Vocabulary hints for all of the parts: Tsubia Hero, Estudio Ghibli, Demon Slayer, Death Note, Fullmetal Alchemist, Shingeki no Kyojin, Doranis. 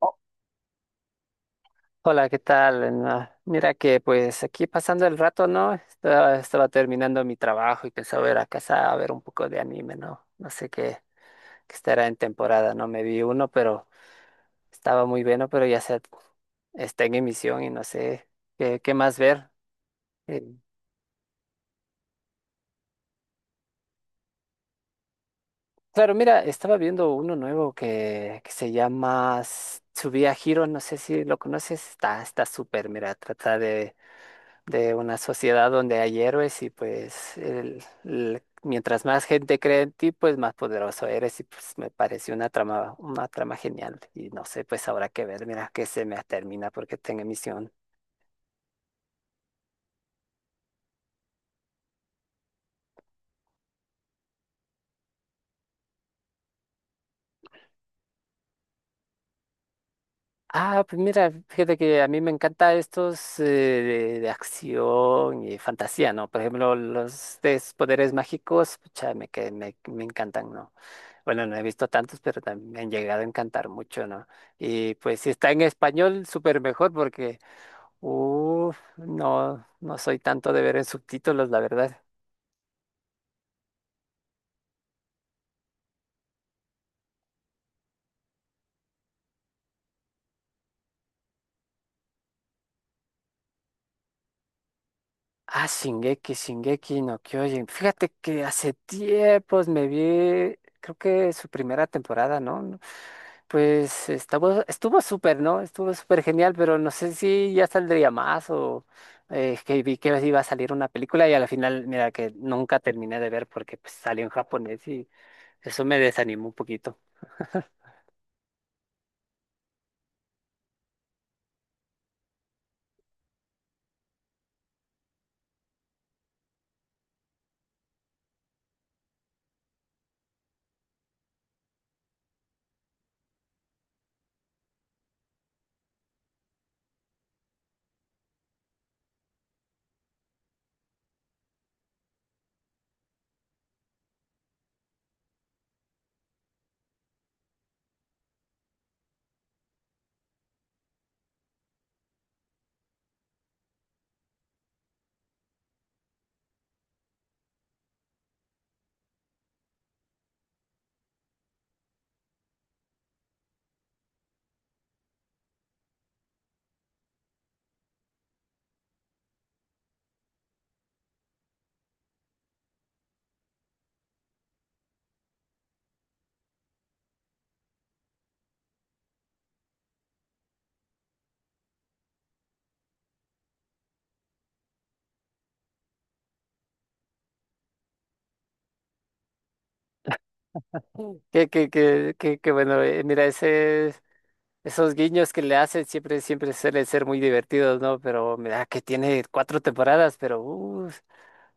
Oh, hola, ¿qué tal? No, mira que pues aquí pasando el rato, ¿no? Estaba terminando mi trabajo y pensaba ir a casa a ver un poco de anime, ¿no? No sé qué estará en temporada, ¿no? Me vi uno, pero estaba muy bueno, pero ya se está en emisión y no sé qué más ver. Eh, claro, mira, estaba viendo uno nuevo que se llama Tsubia Hero, no sé si lo conoces, está súper, mira, trata de una sociedad donde hay héroes y pues mientras más gente cree en ti, pues más poderoso eres y pues me pareció una trama genial y no sé, pues habrá que ver, mira que se me termina porque tengo emisión. Ah, pues mira, fíjate que a mí me encanta estos de acción y fantasía, ¿no? Por ejemplo, los de esos poderes mágicos, pucha, me encantan, ¿no? Bueno, no he visto tantos, pero también me han llegado a encantar mucho, ¿no? Y pues si está en español, súper mejor porque uf, no, no soy tanto de ver en subtítulos, la verdad. Ah, Shingeki no Kyojin. Fíjate que hace tiempos me vi, creo que su primera temporada, ¿no? No, pues estuvo súper, ¿no? Estuvo súper genial, pero no sé si ya saldría más o que vi que iba a salir una película y a la final, mira, que nunca terminé de ver porque pues, salió en japonés y eso me desanimó un poquito. Mm. Que bueno, mira, ese... Esos guiños que le hacen siempre, siempre suelen ser muy divertidos, ¿no? Pero mira que tiene cuatro temporadas, pero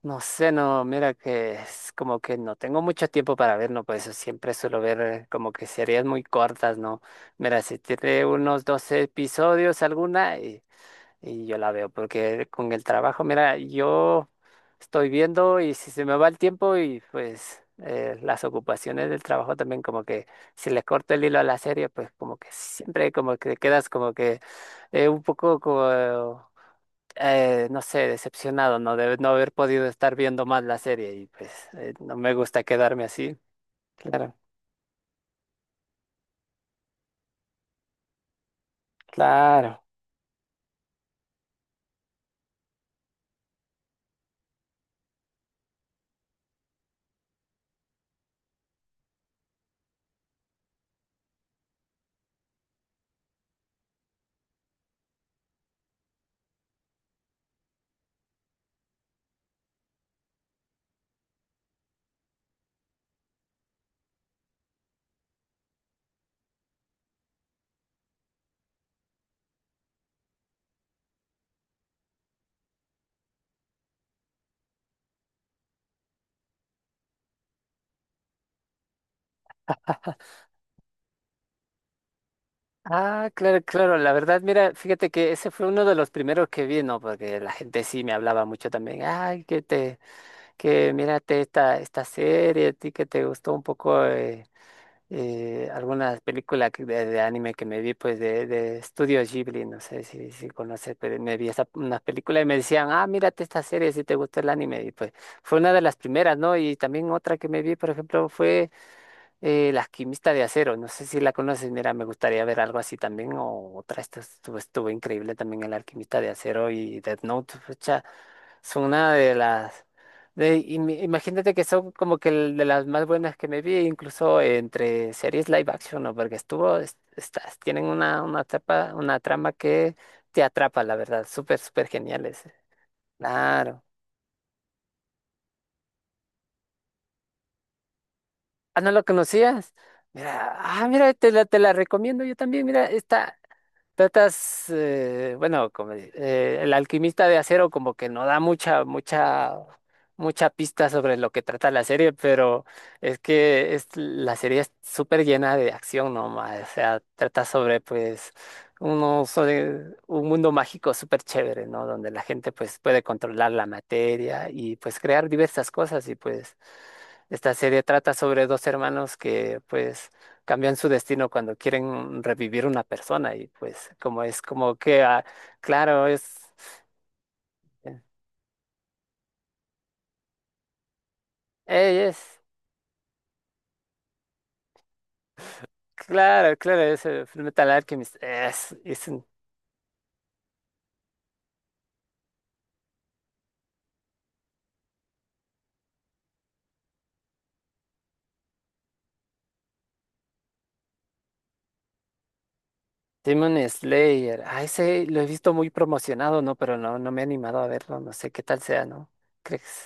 no sé, no, mira que es como que no tengo mucho tiempo para ver, ¿no? Por eso siempre suelo ver como que series muy cortas, ¿no? Mira, si tiene unos 12 episodios alguna, y yo la veo, porque con el trabajo, mira, yo estoy viendo y si se me va el tiempo y pues las ocupaciones del trabajo también como que si le corto el hilo a la serie, pues como que siempre como que quedas como que un poco como, no sé, decepcionado, ¿no? De no haber podido estar viendo más la serie y pues no me gusta quedarme así. Claro, claro. Ah, claro, claro. La verdad, mira, fíjate que ese fue uno de los primeros que vi, ¿no? Porque la gente sí me hablaba mucho también. Ay, que te, que mírate esta serie, a ti que te gustó un poco algunas películas de anime que me vi, pues de Estudio Ghibli, no sé si conoces, pero me vi esa, unas películas y me decían, ah, mírate esta serie si te gustó el anime. Y pues fue una de las primeras, ¿no? Y también otra que me vi, por ejemplo, fue. La alquimista de acero, no sé si la conoces, mira, me gustaría ver algo así también, o otra, esta estuvo increíble también el alquimista de acero y Death Note, pucha, son una de las, de, y imagínate que son como que el de las más buenas que me vi, incluso entre series live action, ¿no? Porque estuvo, estas, tienen una tapa, una trama que te atrapa, la verdad, súper, súper geniales, claro. Ah, ¿no lo conocías? Mira, ah, mira, te la recomiendo yo también, mira, esta. Tratas, bueno, como, el alquimista de acero como que no da mucha pista sobre lo que trata la serie, pero es que es, la serie es súper llena de acción nomás, o sea, trata sobre pues uno sobre un mundo mágico súper chévere, ¿no? Donde la gente pues puede controlar la materia y pues crear diversas cosas y pues esta serie trata sobre dos hermanos que pues cambian su destino cuando quieren revivir una persona y pues como es como que, ah, claro, eh, es, claro, claro, es Fullmetal Alchemist, es un Demon Slayer, ay, ese lo he visto muy promocionado, ¿no? Pero no, no me he animado a verlo, no sé qué tal sea, ¿no? ¿Crees?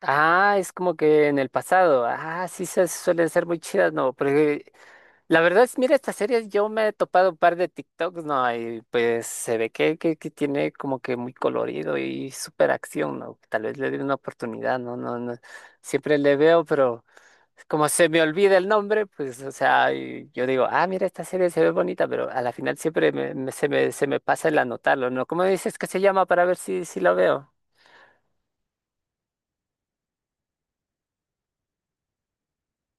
Ah, es como que en el pasado, ah, sí se suelen ser muy chidas, ¿no? Porque la verdad es, mira, estas series yo me he topado un par de TikToks, ¿no? Y pues se ve que tiene como que muy colorido y súper acción, ¿no? Tal vez le dé una oportunidad, ¿no? No, no, siempre le veo, pero como se me olvida el nombre, pues, o sea, y yo digo, ah, mira, esta serie se ve bonita, pero a la final siempre se me pasa el anotarlo, ¿no? ¿Cómo dices que se llama para ver si, si lo veo?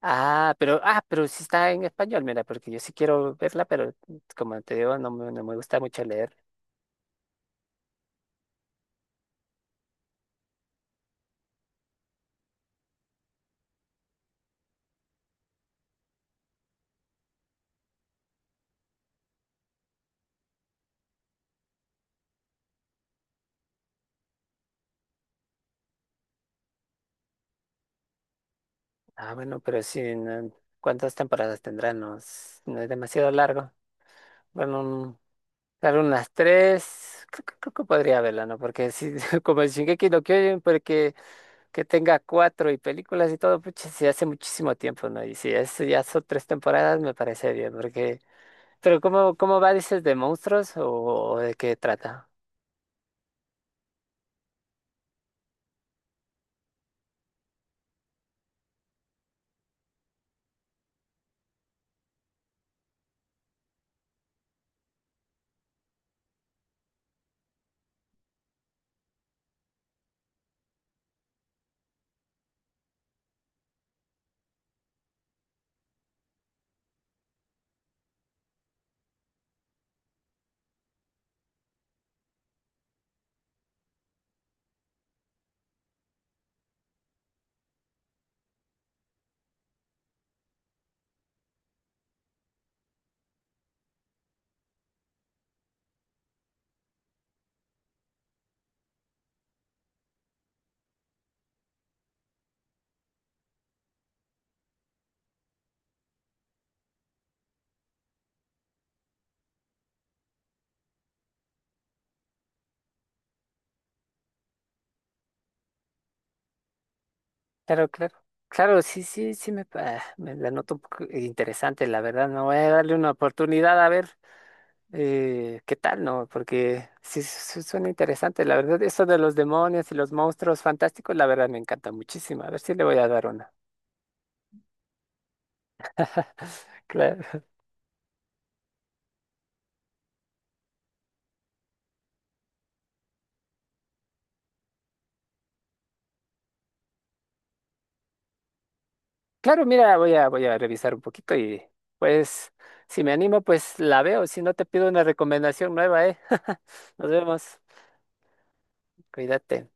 Ah, pero sí está en español, mira, porque yo sí quiero verla, pero como te digo, no me, no me gusta mucho leer. Ah, bueno, pero sí, no- ¿cuántas temporadas tendrá? No, es no es demasiado largo. Bueno, un- claro, unas tres, creo que podría verla, ¿no? Porque si, como el Shingeki no Kyojin, porque que tenga cuatro y películas y todo, pucha, sí hace muchísimo tiempo, ¿no? Y si es, ya son tres temporadas, me parece bien, porque... Pero ¿cómo, cómo va, dices, de monstruos o de qué trata? Claro, claro. Claro, sí, sí, sí me, me la noto un poco interesante, la verdad. No voy a darle una oportunidad a ver qué tal, ¿no? Porque sí, suena interesante, la verdad. Eso de los demonios y los monstruos fantásticos, la verdad me encanta muchísimo. A ver si le voy a dar una. Claro, claro, mira, voy a revisar un poquito y pues si me animo, pues la veo. Si no, te pido una recomendación nueva, ¿eh? Nos vemos. Cuídate.